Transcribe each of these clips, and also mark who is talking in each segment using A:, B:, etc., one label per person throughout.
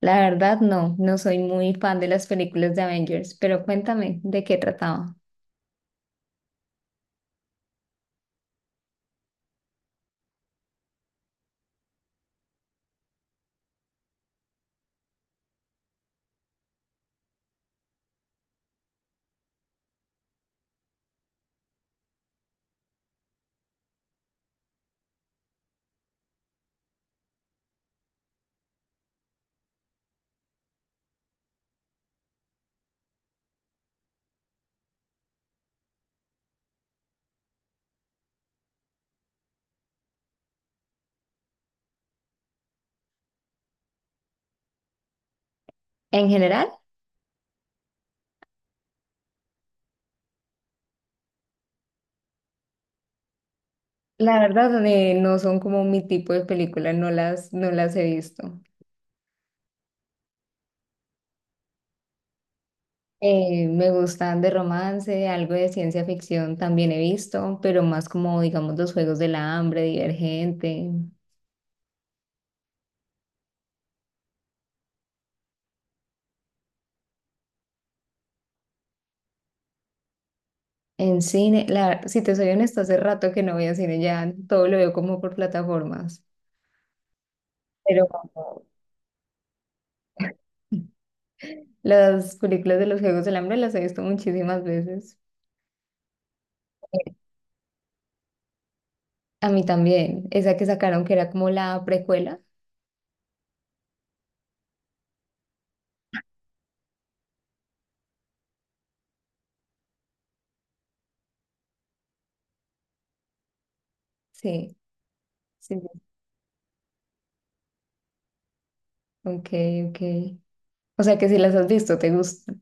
A: La verdad, no, no soy muy fan de las películas de Avengers, pero cuéntame de qué trataba. En general, la verdad, no son como mi tipo de película, no las he visto. Me gustan de romance, algo de ciencia ficción también he visto, pero más como, digamos, los Juegos del Hambre, Divergente. En cine, la, si te soy honesta, hace rato que no voy a cine, ya todo lo veo como por plataformas, pero las películas de los Juegos del Hambre las he visto muchísimas veces. A mí también, esa que sacaron que era como la precuela. Sí, sí, sí. Ok, ok. O sea que si las has visto, te gustan.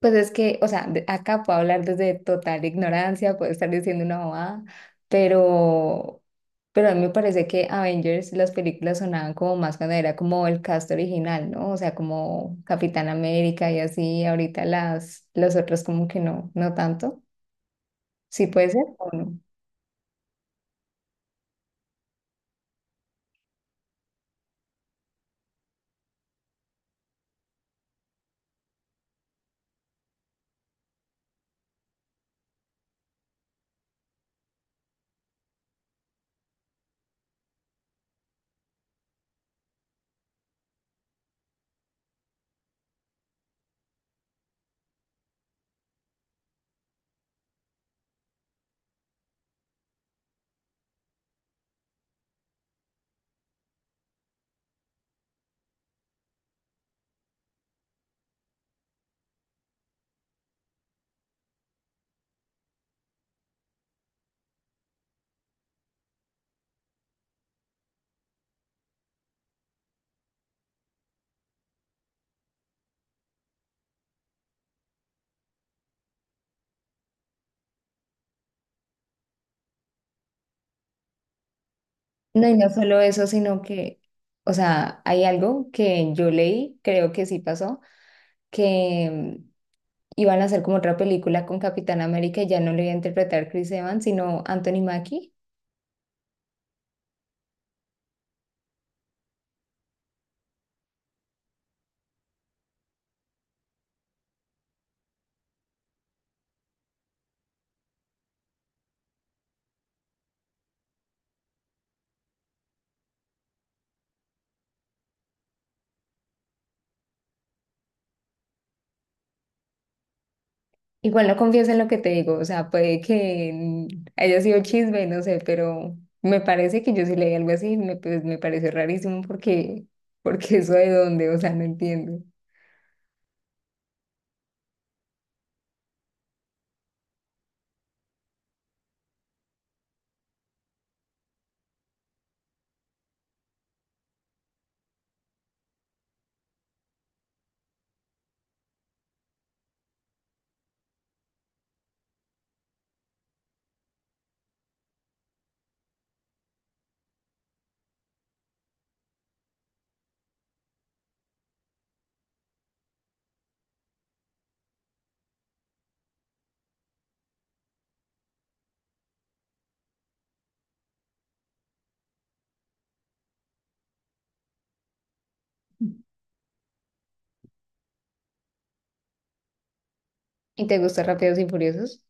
A: Pues es que, o sea, acá puedo hablar desde total ignorancia, puedo estar diciendo una bobada, pero, pero a mí me parece que Avengers, las películas sonaban como más cuando era como el cast original, ¿no? O sea, como Capitán América y así, ahorita los otros como que no, no tanto. Sí puede ser o no. No, y no solo eso, sino que, o sea, hay algo que yo leí, creo que sí pasó, que mm, iban a hacer como otra película con Capitán América y ya no lo iba a interpretar Chris Evans, sino Anthony Mackie. Igual no confieso en lo que te digo, o sea, puede que haya sido chisme, no sé, pero me parece que yo sí leí algo así, me, pues, me pareció rarísimo porque, porque eso de dónde, o sea, no entiendo. ¿Y te gusta Rápidos y Furiosos?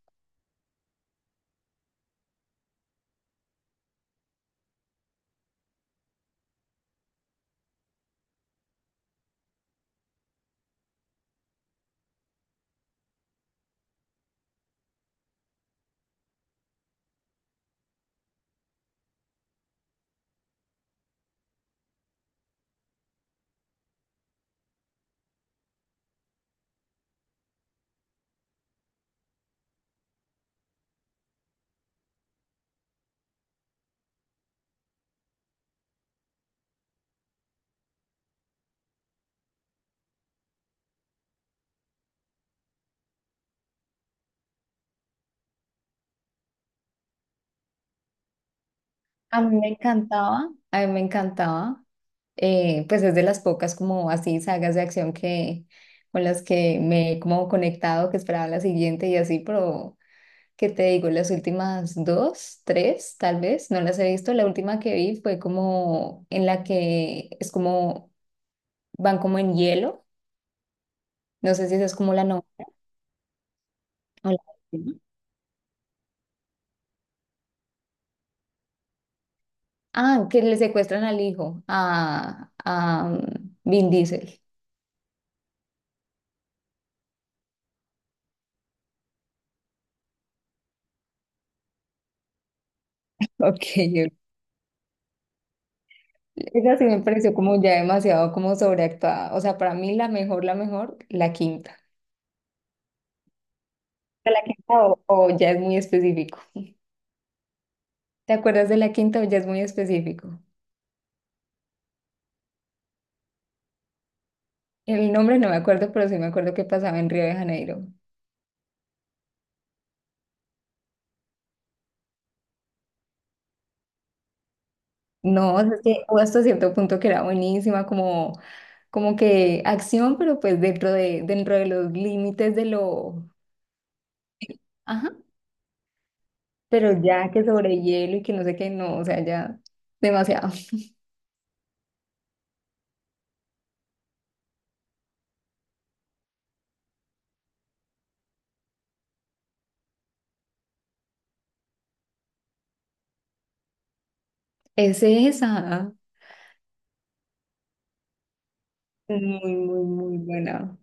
A: A mí me encantaba, a mí me encantaba. Pues es de las pocas como así sagas de acción que con las que me he como conectado, que esperaba la siguiente y así, pero qué te digo, las últimas dos, tres, tal vez, no las he visto. La última que vi fue como en la que es como van como en hielo, no sé si esa es como la novela o la última. Ah, que le secuestran al hijo, a Vin Diesel. Ok. Esa sí me pareció como ya demasiado como sobreactuada. O sea, para mí la mejor, la mejor, la quinta. La quinta o ya es muy específico. ¿Te acuerdas de la quinta o ya es muy específico? El nombre no me acuerdo, pero sí me acuerdo que pasaba en Río de Janeiro. No, o sea, es que hubo hasta cierto punto que era buenísima, como, como que acción, pero pues dentro de los límites de lo... Ajá. Pero ya que sobre hielo y que no sé qué, no, o sea, ya demasiado. Es esa. Muy, muy, muy buena.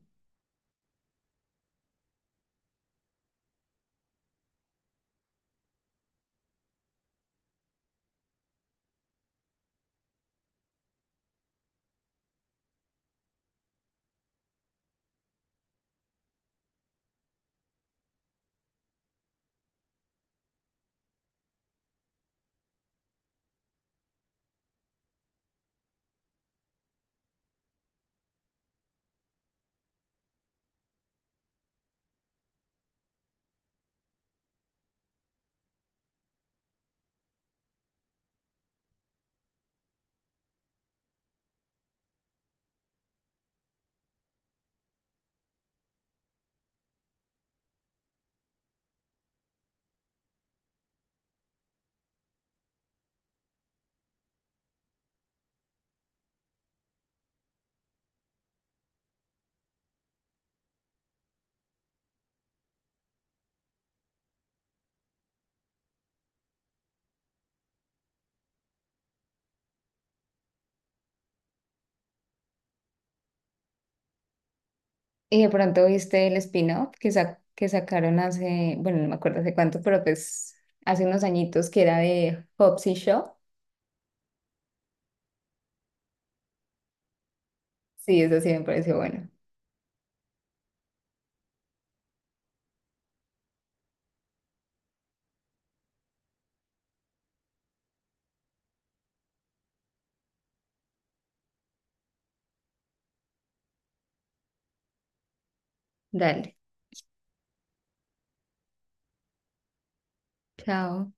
A: Y de pronto viste el spin-off que, que sacaron hace, bueno, no me acuerdo hace cuánto, pero pues hace unos añitos que era de Hobbs y Shaw. Sí, eso sí me pareció bueno. Dale, chao.